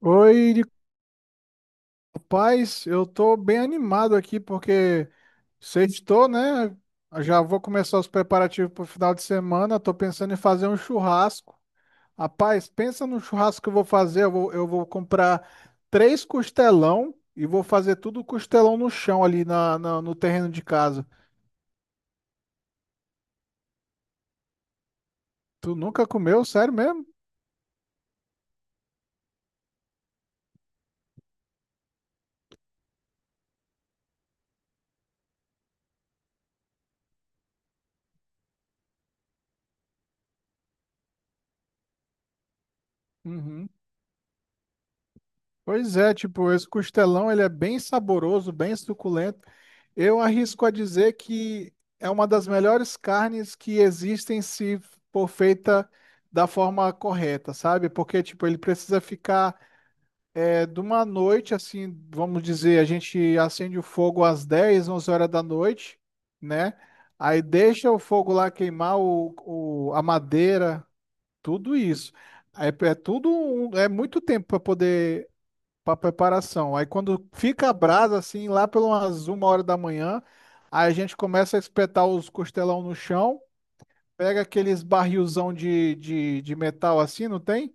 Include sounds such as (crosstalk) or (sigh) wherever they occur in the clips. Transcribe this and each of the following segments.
Oi, Nico. Rapaz, eu tô bem animado aqui porque sextou, né? Já vou começar os preparativos pro final de semana. Tô pensando em fazer um churrasco. Rapaz, pensa no churrasco que eu vou fazer. Eu vou comprar 3 costelão e vou fazer tudo costelão no chão ali no terreno de casa. Tu nunca comeu? Sério mesmo? Uhum. Pois é, tipo, esse costelão ele é bem saboroso, bem suculento. Eu arrisco a dizer que é uma das melhores carnes que existem se for feita da forma correta, sabe? Porque, tipo, ele precisa ficar. É de uma noite, assim, vamos dizer, a gente acende o fogo às 10 11 horas da noite, né? Aí deixa o fogo lá queimar a madeira, tudo isso. É muito tempo para poder, para preparação. Aí quando fica a brasa, assim, lá pelas 1 hora da manhã, aí a gente começa a espetar os costelão no chão, pega aqueles barrilzão de metal assim, não tem?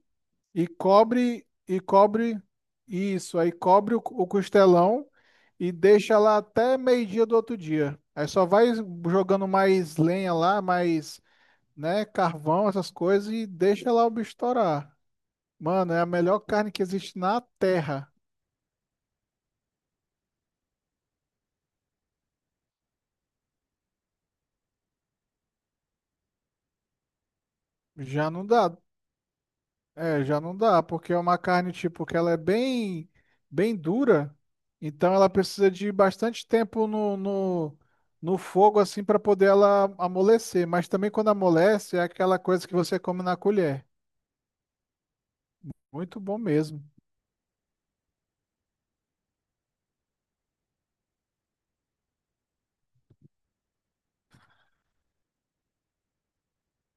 E cobre isso, aí cobre o costelão e deixa lá até meio-dia do outro dia. Aí só vai jogando mais lenha lá, mais, né, carvão, essas coisas e deixa lá o bicho estourar. Mano, é a melhor carne que existe na terra. Já não dá. É, já não dá, porque é uma carne tipo que ela é bem, bem dura, então ela precisa de bastante tempo no fogo assim para poder ela amolecer. Mas também quando amolece é aquela coisa que você come na colher. Muito bom mesmo.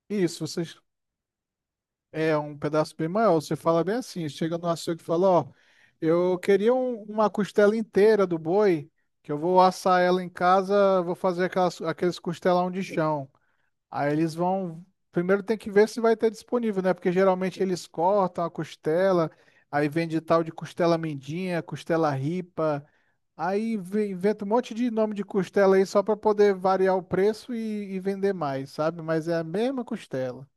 Isso, você é um pedaço bem maior. Você fala bem assim, chega no açougue e fala, ó, eu queria uma costela inteira do boi, que eu vou assar ela em casa, vou fazer aquelas, aqueles costelão de chão. Aí eles vão. Primeiro tem que ver se vai ter disponível, né? Porque geralmente eles cortam a costela, aí vende tal de costela mendinha, costela ripa. Aí inventa um monte de nome de costela aí só para poder variar o preço e vender mais, sabe? Mas é a mesma costela.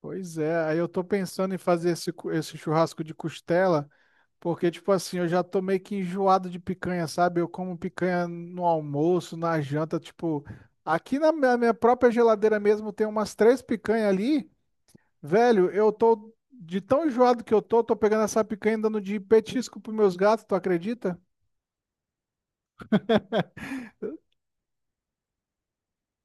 Pois é, aí eu tô pensando em fazer esse, esse churrasco de costela, porque, tipo assim, eu já tô meio que enjoado de picanha, sabe? Eu como picanha no almoço, na janta, tipo, aqui na minha própria geladeira mesmo tem umas 3 picanhas ali, velho, eu tô de tão enjoado que eu tô pegando essa picanha e dando de petisco pros meus gatos, tu acredita? (laughs)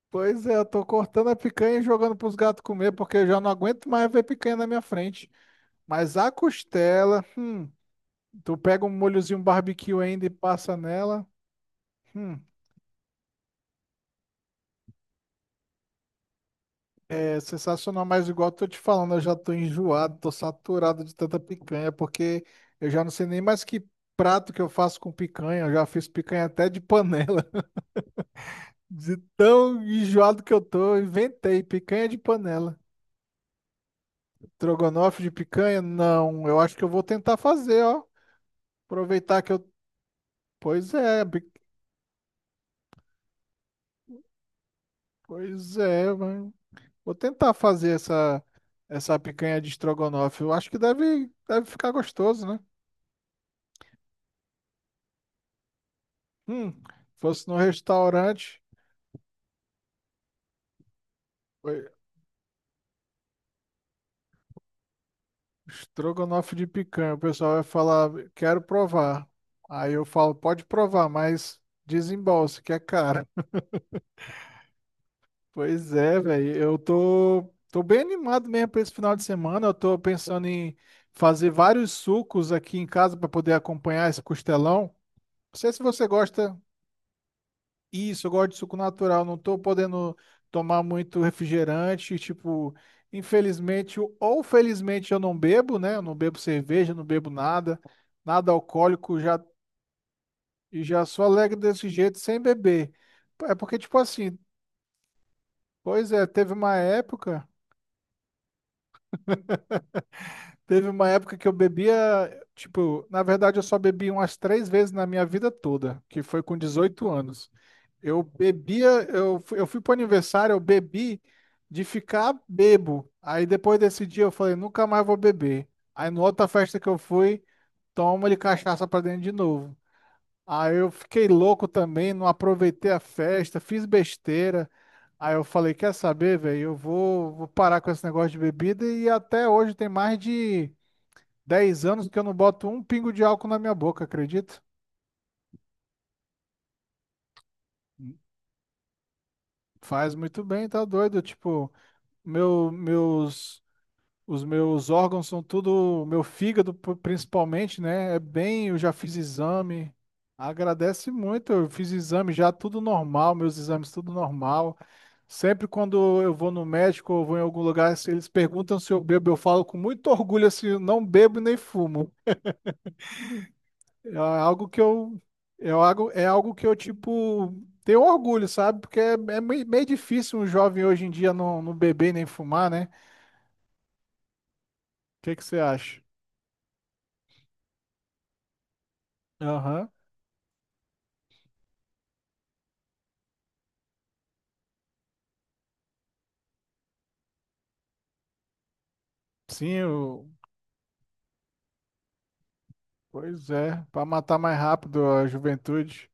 Pois é, eu tô cortando a picanha e jogando pros gatos comer, porque eu já não aguento mais ver picanha na minha frente. Mas a costela. Tu pega um molhozinho barbecue ainda e passa nela. Hum, é sensacional, mas igual eu tô te falando, eu já tô enjoado, tô saturado de tanta picanha, porque eu já não sei nem mais que prato que eu faço com picanha. Eu já fiz picanha até de panela. (laughs) De tão enjoado que eu tô, eu inventei picanha de panela. Trogonofe de picanha? Não, eu acho que eu vou tentar fazer, ó. Aproveitar que eu. Pois é, bi- pois é, mas vou tentar fazer essa picanha de estrogonofe. Eu acho que deve ficar gostoso, né? Hum, fosse no restaurante, oi, estrogonofe de picanha, o pessoal vai falar, quero provar. Aí eu falo, pode provar, mas desembolse, que é caro. Pois é, velho, eu tô bem animado mesmo para esse final de semana. Eu tô pensando em fazer vários sucos aqui em casa para poder acompanhar esse costelão. Não sei se você gosta. Isso, eu gosto de suco natural, não tô podendo tomar muito refrigerante, tipo, infelizmente ou felizmente eu não bebo, né? Eu não bebo cerveja, não bebo nada, nada alcoólico, já e já sou alegre desse jeito sem beber. É porque tipo assim, pois é, teve uma época que eu bebia, tipo, na verdade eu só bebi umas 3 vezes na minha vida toda, que foi com 18 anos. Eu bebia, eu fui, pro aniversário, eu bebi de ficar bebo. Aí depois desse dia eu falei, nunca mais vou beber. Aí na outra festa que eu fui, toma de cachaça pra dentro de novo. Aí eu fiquei louco também, não aproveitei a festa, fiz besteira. Aí eu falei, quer saber, velho? Eu vou parar com esse negócio de bebida e até hoje tem mais de 10 anos que eu não boto um pingo de álcool na minha boca, acredito? Faz muito bem, tá doido? Tipo, meu, meus os meus órgãos são tudo, meu fígado principalmente, né? É bem, eu já fiz exame. Agradece muito, eu fiz exame já tudo normal, meus exames tudo normal. Sempre quando eu vou no médico ou vou em algum lugar, se eles perguntam se eu bebo, eu falo com muito orgulho assim, eu não bebo nem fumo. É algo que eu é algo que eu tipo tenho orgulho, sabe? Porque é, é, meio, meio difícil um jovem hoje em dia não beber nem fumar, né? O que que você acha? Aham. Sim, o Pois é, para matar mais rápido a juventude.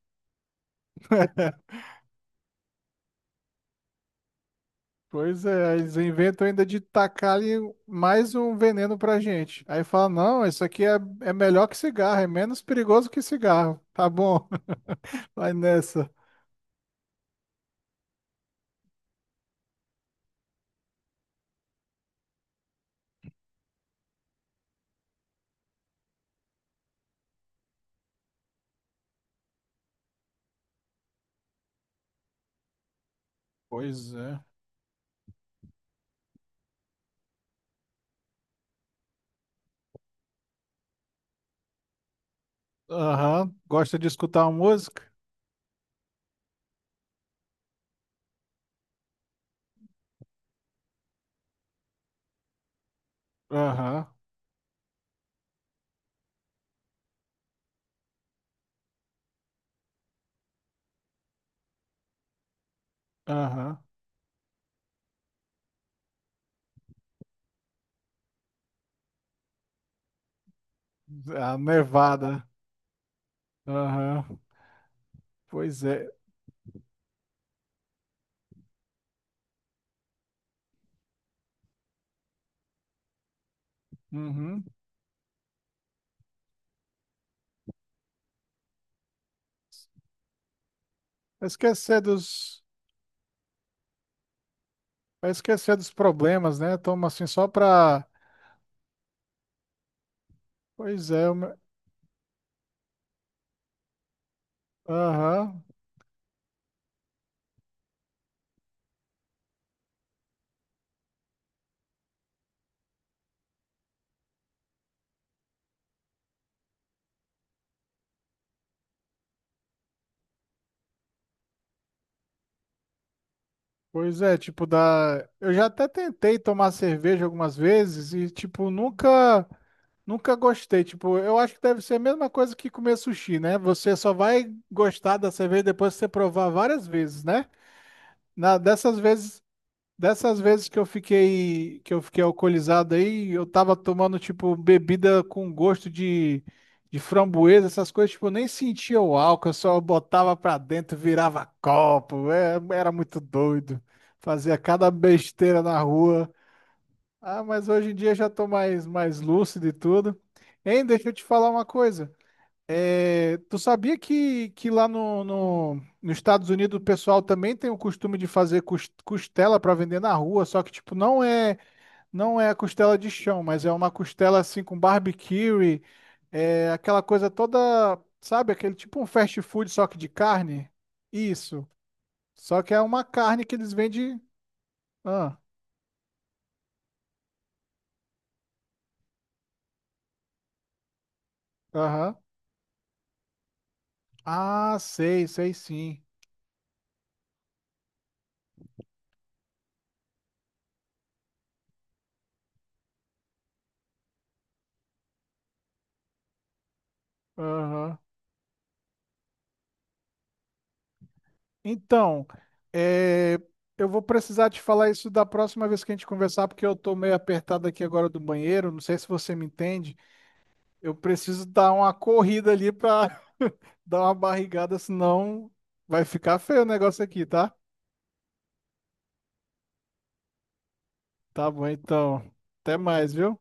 (laughs) Pois é, eles inventam ainda de tacar ali mais um veneno pra gente. Aí fala, não, isso aqui é, é melhor que cigarro, é menos perigoso que cigarro. Tá bom, (laughs) vai nessa. Pois é. Aham. Gosta de escutar uma música? Aham, aham. A Nevada. Aham. Pois é. Uhum. Vai esquecer dos, vai esquecer dos problemas, né? Toma assim só pra. Pois é, aham. Pois é, tipo, da. Eu já até tentei tomar cerveja algumas vezes e, tipo, nunca. Nunca gostei, tipo, eu acho que deve ser a mesma coisa que comer sushi, né? Você só vai gostar da cerveja depois que você provar várias vezes, né? Na, dessas vezes Dessas vezes que eu fiquei alcoolizado aí, eu tava tomando tipo bebida com gosto de framboesa, essas coisas, tipo, eu nem sentia o álcool, eu só botava pra dentro, virava copo, é, era muito doido. Fazia cada besteira na rua. Ah, mas hoje em dia eu já tô mais lúcido e tudo. Hein, deixa eu te falar uma coisa. Tu sabia que lá no, no, nos Estados Unidos o pessoal também tem o costume de fazer costela para vender na rua, só que tipo não é a costela de chão, mas é uma costela assim com barbecue, é aquela coisa toda, sabe, aquele tipo um fast food só que de carne. Isso. Só que é uma carne que eles vendem. Ah, aham. Ah, sei, sei sim. Aham. Então, é, eu vou precisar te falar isso da próxima vez que a gente conversar, porque eu tô meio apertado aqui agora do banheiro. Não sei se você me entende. Eu preciso dar uma corrida ali pra (laughs) dar uma barrigada, senão vai ficar feio o negócio aqui, tá? Tá bom, então. Até mais, viu?